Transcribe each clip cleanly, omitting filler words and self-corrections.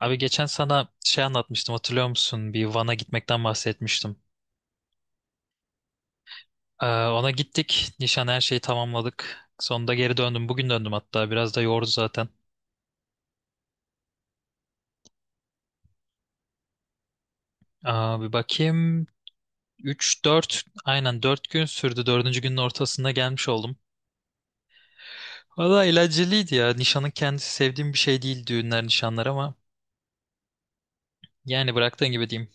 Abi geçen sana şey anlatmıştım hatırlıyor musun? Bir Van'a gitmekten bahsetmiştim. Ona gittik. Nişan her şeyi tamamladık. Sonunda geri döndüm. Bugün döndüm hatta. Biraz da yordu zaten. Bir bakayım. Aynen 4 gün sürdü. Dördüncü günün ortasında gelmiş oldum. Valla eğlenceliydi ya. Nişanın kendisi sevdiğim bir şey değil, düğünler nişanlar, ama yani bıraktığın gibi diyeyim.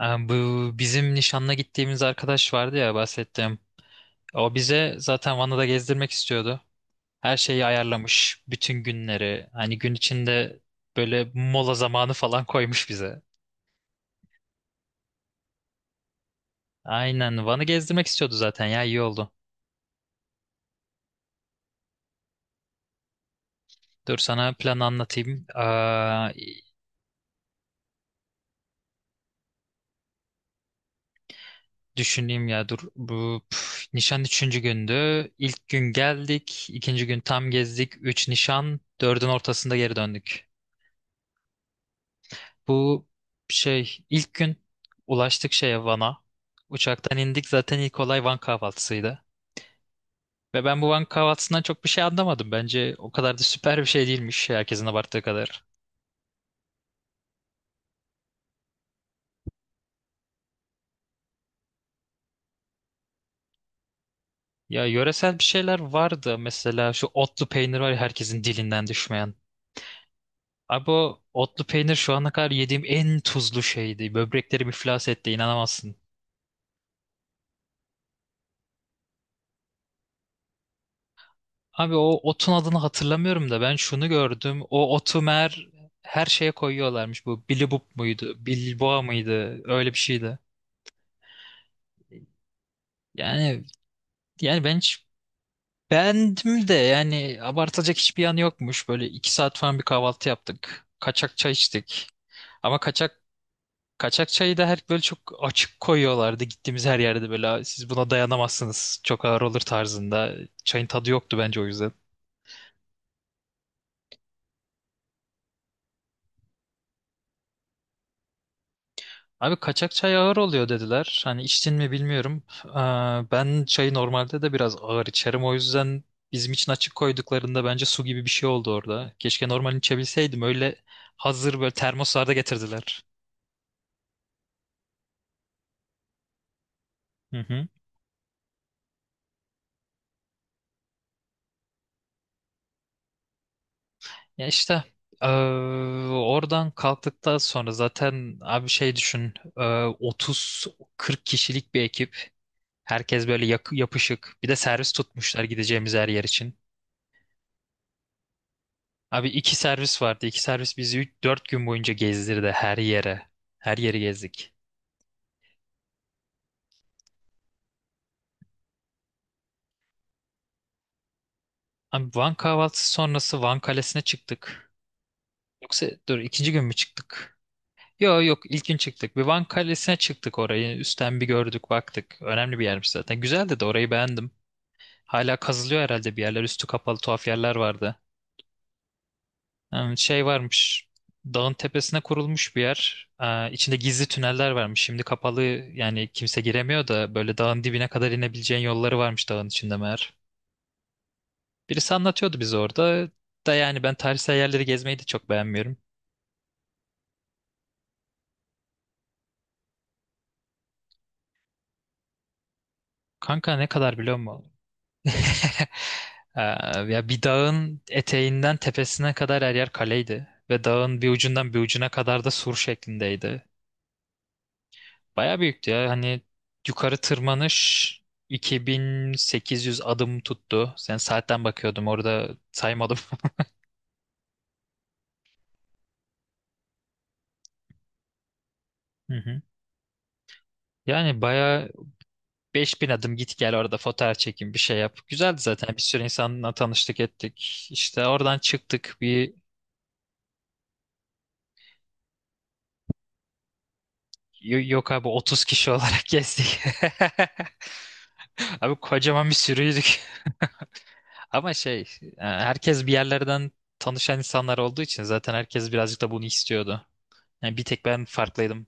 Ee, bu bizim nişanla gittiğimiz arkadaş vardı ya, bahsettiğim. O bize zaten Van'ı da gezdirmek istiyordu. Her şeyi ayarlamış. Bütün günleri. Hani gün içinde böyle mola zamanı falan koymuş bize. Aynen. Van'ı gezdirmek istiyordu zaten ya, iyi oldu. Dur sana planı anlatayım. Düşüneyim ya dur. Nişan üçüncü gündü. İlk gün geldik. İkinci gün tam gezdik. Üç nişan. Dördün ortasında geri döndük. Bu şey ilk gün ulaştık şeye, Van'a. Uçaktan indik, zaten ilk olay Van kahvaltısıydı. Ve ben bu banka kahvaltısından çok bir şey anlamadım. Bence o kadar da süper bir şey değilmiş herkesin abarttığı kadar. Ya yöresel bir şeyler vardı. Mesela şu otlu peynir var ya, herkesin dilinden düşmeyen. Abi o otlu peynir şu ana kadar yediğim en tuzlu şeydi. Böbreklerim iflas etti, inanamazsın. Abi o otun adını hatırlamıyorum da, ben şunu gördüm. O otu meğer her şeye koyuyorlarmış. Bu Billy Boop muydu? Bilboğa mıydı? Öyle bir şeydi. Yani yani ben hiç Beğendim de, yani abartılacak hiçbir yanı yokmuş. Böyle 2 saat falan bir kahvaltı yaptık. Kaçak çay içtik. Ama kaçak çayı da her böyle çok açık koyuyorlardı. Gittiğimiz her yerde böyle, "Siz buna dayanamazsınız. Çok ağır olur," tarzında. Çayın tadı yoktu bence o yüzden. Abi kaçak çay ağır oluyor dediler. Hani içtin mi bilmiyorum. Ben çayı normalde de biraz ağır içerim. O yüzden bizim için açık koyduklarında bence su gibi bir şey oldu orada. Keşke normal içebilseydim. Öyle hazır böyle termoslarda getirdiler. Hı hı. Ya işte, eee, oradan kalktıktan sonra zaten abi, şey düşün, 30-40 kişilik bir ekip. Herkes böyle yapışık. Bir de servis tutmuşlar gideceğimiz her yer için. Abi iki servis vardı. İki servis bizi 3 4 gün boyunca gezdirdi her yere. Her yeri gezdik. Abi Van kahvaltısı sonrası Van Kalesi'ne çıktık. Yoksa dur, ikinci gün mü çıktık? Yok yok, ilk gün çıktık. Bir Van Kalesi'ne çıktık orayı. Üstten bir gördük baktık. Önemli bir yermiş zaten. Güzeldi de, orayı beğendim. Hala kazılıyor herhalde bir yerler. Üstü kapalı tuhaf yerler vardı. Şey varmış. Dağın tepesine kurulmuş bir yer. İçinde gizli tüneller varmış. Şimdi kapalı, yani kimse giremiyor da, böyle dağın dibine kadar inebileceğin yolları varmış dağın içinde meğer. Birisi anlatıyordu bize orada. Da yani ben tarihsel yerleri gezmeyi de çok beğenmiyorum. Kanka ne kadar biliyor musun? Ee, ya bir dağın eteğinden tepesine kadar her yer kaleydi. Ve dağın bir ucundan bir ucuna kadar da sur şeklindeydi. Bayağı büyüktü ya. Hani yukarı tırmanış 2800 adım tuttu. Sen, saatten bakıyordum orada, saymadım. Hı hı. Yani bayağı 5000 adım git gel orada, fotoğraf çekin, bir şey yap. Güzeldi zaten, bir sürü insanla tanıştık ettik. İşte oradan çıktık bir yok abi, 30 kişi olarak gezdik. Abi kocaman bir sürüydük. Ama şey herkes bir yerlerden tanışan insanlar olduğu için zaten herkes birazcık da bunu istiyordu. Yani bir tek ben farklıydım.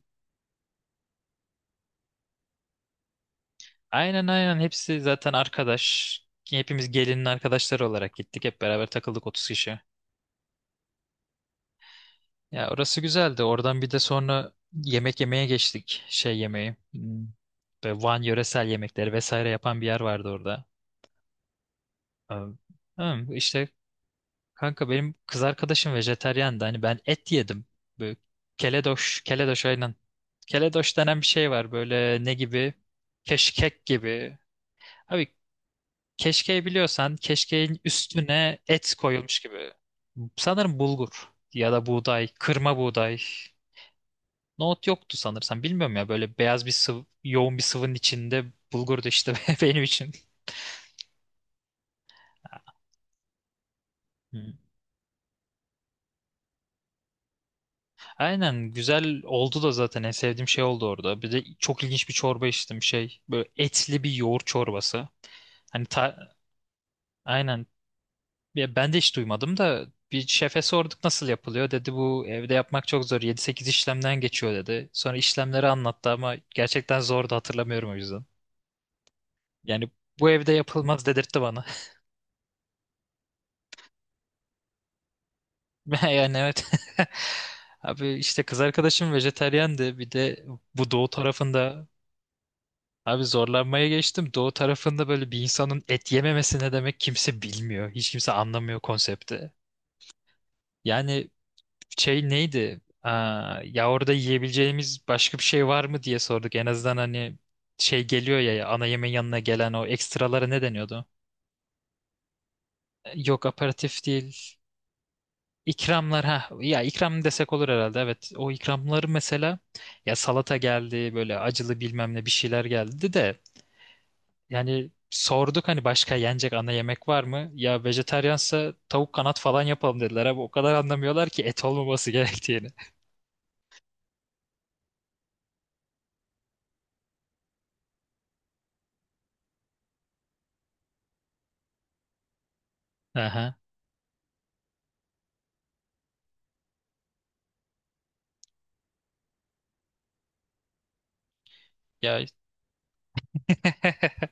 Aynen aynen, hepsi zaten arkadaş. Hepimiz gelinin arkadaşları olarak gittik. Hep beraber takıldık, 30 kişi. Ya orası güzeldi. Oradan bir de sonra yemek yemeye geçtik. Şey yemeği. Böyle Van yöresel yemekleri vesaire yapan bir yer vardı orada. Am- am, işte kanka, benim kız arkadaşım vejetaryandı. Hani ben et yedim. Böyle keledoş, keledoş aynen. Keledoş denen bir şey var. Böyle ne gibi? Keşkek gibi. Abi, keşkeği biliyorsan, keşkeğin üstüne et koyulmuş gibi. Sanırım bulgur ya da buğday, kırma buğday. Nohut yoktu sanırsam. Bilmiyorum ya, böyle beyaz bir sıvı, yoğun bir sıvının içinde bulgur da işte benim için. Hmm. Aynen güzel oldu da, zaten en sevdiğim şey oldu orada. Bir de çok ilginç bir çorba içtim şey. Böyle etli bir yoğurt çorbası. Hani aynen. Ya ben de hiç duymadım da, bir şefe sorduk nasıl yapılıyor dedi, bu evde yapmak çok zor, yedi sekiz işlemden geçiyor dedi. Sonra işlemleri anlattı ama gerçekten zordu, hatırlamıyorum o yüzden. Yani bu evde yapılmaz dedirtti bana. Yani evet. Abi işte, kız arkadaşım vejetaryendi bir de, bu doğu tarafında abi, zorlanmaya geçtim. Doğu tarafında böyle bir insanın et yememesi ne demek kimse bilmiyor. Hiç kimse anlamıyor konsepti. Yani şey neydi? Ya orada yiyebileceğimiz başka bir şey var mı diye sorduk. En azından hani şey geliyor ya, ana yemeğin yanına gelen o ekstralara ne deniyordu? Yok aperatif değil. İkramlar ha, ya ikram desek olur herhalde, evet o ikramları mesela, ya salata geldi, böyle acılı bilmem ne bir şeyler geldi de, yani sorduk hani başka yenecek ana yemek var mı, ya vejetaryansa tavuk kanat falan yapalım dediler. Abi o kadar anlamıyorlar ki et olmaması gerektiğini. Aha. Ya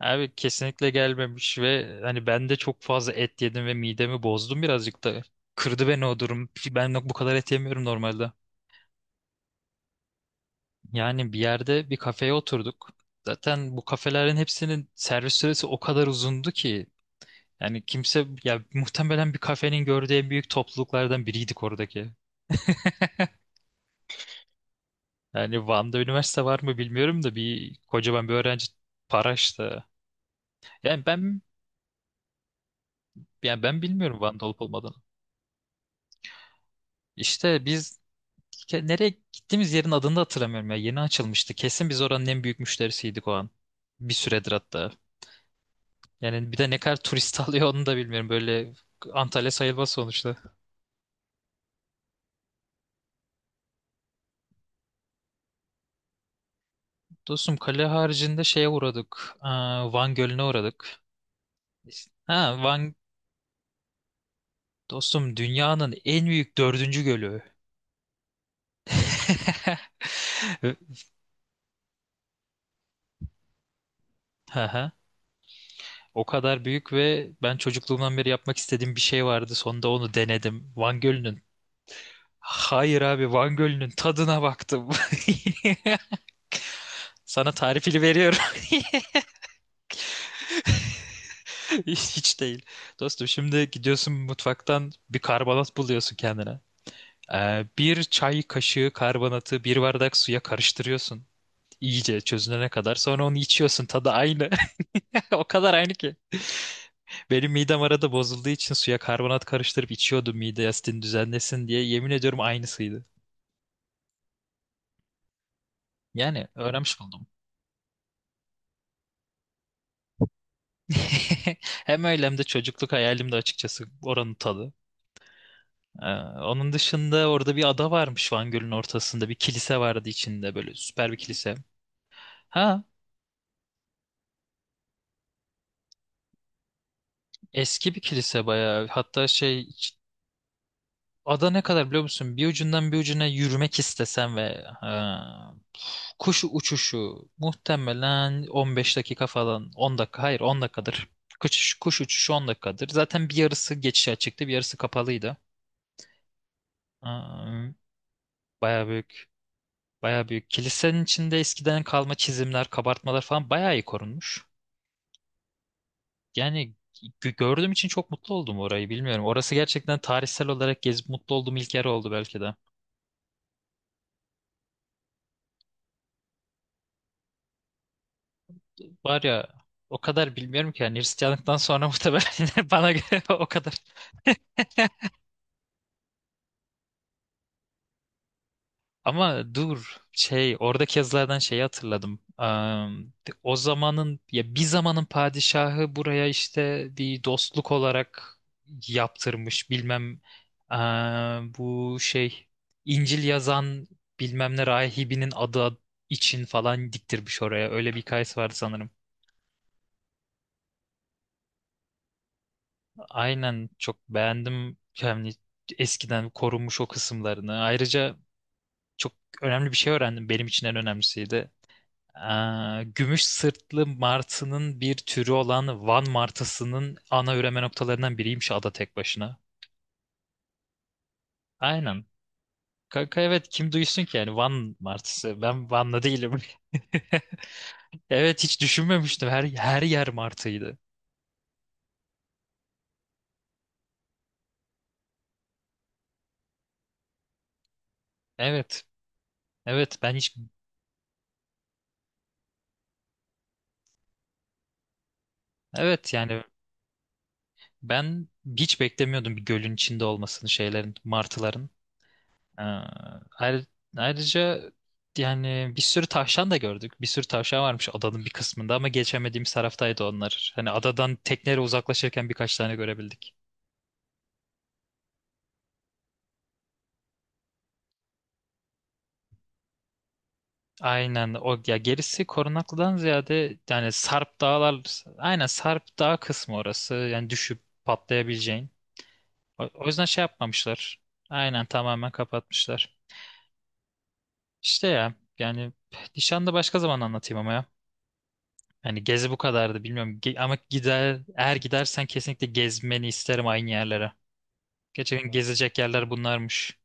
abi kesinlikle gelmemiş ve hani ben de çok fazla et yedim ve midemi bozdum birazcık da. Kırdı beni o durum. Ben bu kadar et yemiyorum normalde. Yani bir yerde bir kafeye oturduk. Zaten bu kafelerin hepsinin servis süresi o kadar uzundu ki. Yani kimse, ya muhtemelen bir kafenin gördüğü en büyük topluluklardan biriydik oradaki. Yani Van'da üniversite var mı bilmiyorum da, bir kocaman bir öğrenci paraştı. Yani ben yani ben bilmiyorum Van'da olup olmadığını. İşte nereye gittiğimiz yerin adını da hatırlamıyorum ya. Yeni açılmıştı. Kesin biz oranın en büyük müşterisiydik o an. Bir süredir hatta. Yani bir de ne kadar turist alıyor onu da bilmiyorum. Böyle Antalya sayılmaz sonuçta. Dostum, kale haricinde şeye uğradık. Van Gölü'ne uğradık. Ha Van, dostum dünyanın en büyük dördüncü gölü. Hı hı. O kadar büyük, ve ben çocukluğumdan beri yapmak istediğim bir şey vardı. Sonunda onu denedim. Van Gölü'nün Hayır abi, Van Gölü'nün tadına baktım. Sana tarifini veriyorum. Hiç hiç değil. Dostum, şimdi gidiyorsun mutfaktan bir karbonat buluyorsun kendine. Bir çay kaşığı karbonatı bir bardak suya karıştırıyorsun. İyice çözünene kadar. Sonra onu içiyorsun. Tadı aynı. O kadar aynı ki. Benim midem arada bozulduğu için suya karbonat karıştırıp içiyordum mide asitini düzenlesin diye. Yemin ediyorum aynısıydı. Yani öğrenmiş oldum. Hem öyle, hem de çocukluk hayalim de açıkçası oranın tadı. Ee, onun dışında orada bir ada varmış Van Gölü'nün ortasında. Bir kilise vardı içinde, böyle süper bir kilise. Ha eski bir kilise bayağı. Hatta ada ne kadar biliyor musun? Bir ucundan bir ucuna yürümek istesen, ve ha, kuş uçuşu muhtemelen 15 dakika falan, 10 dakika, hayır 10 dakikadır. Kuş uçuşu 10 dakikadır. Zaten bir yarısı geçişe açıktı, bir yarısı kapalıydı. Aa, Bayağı büyük. Bayağı büyük. Kilisenin içinde eskiden kalma çizimler, kabartmalar falan bayağı iyi korunmuş. Yani gördüğüm için çok mutlu oldum orayı, bilmiyorum. Orası gerçekten tarihsel olarak gezip mutlu olduğum ilk yer oldu belki de. Var ya, o kadar bilmiyorum ki, yani Hristiyanlıktan sonra muhtemelen, bana göre o kadar. Ama dur, şey oradaki yazılardan şeyi hatırladım. O zamanın, ya bir zamanın padişahı buraya işte bir dostluk olarak yaptırmış bilmem, bu şey, İncil yazan bilmem ne rahibinin adı için falan diktirmiş oraya. Öyle bir hikayesi vardı sanırım. Aynen çok beğendim yani eskiden korunmuş o kısımlarını. Ayrıca çok önemli bir şey öğrendim. Benim için en önemlisiydi. Gümüş sırtlı martının bir türü olan Van martısının ana üreme noktalarından biriymiş ada tek başına. Aynen. Kanka evet, kim duysun ki yani Van martısı. Ben Van'la değilim. Evet, hiç düşünmemiştim. Her yer martıydı. Evet. Evet ben hiç, evet yani ben hiç beklemiyordum bir gölün içinde olmasını şeylerin, martıların. Ee, ayrı- ayrıca yani bir sürü tavşan da gördük. Bir sürü tavşan varmış adanın bir kısmında, ama geçemediğimiz taraftaydı onlar. Hani adadan tekneyle uzaklaşırken birkaç tane görebildik. Aynen, o ya, gerisi korunaklıdan ziyade yani Sarp Dağlar, aynen Sarp Dağ kısmı orası. Yani düşüp patlayabileceğin. O yüzden şey yapmamışlar. Aynen tamamen kapatmışlar. İşte ya yani, nişanda başka zaman anlatayım ama ya. Yani gezi bu kadardı bilmiyorum. Ama gider, eğer gidersen kesinlikle gezmeni isterim aynı yerlere. Gerçekten gezecek yerler bunlarmış.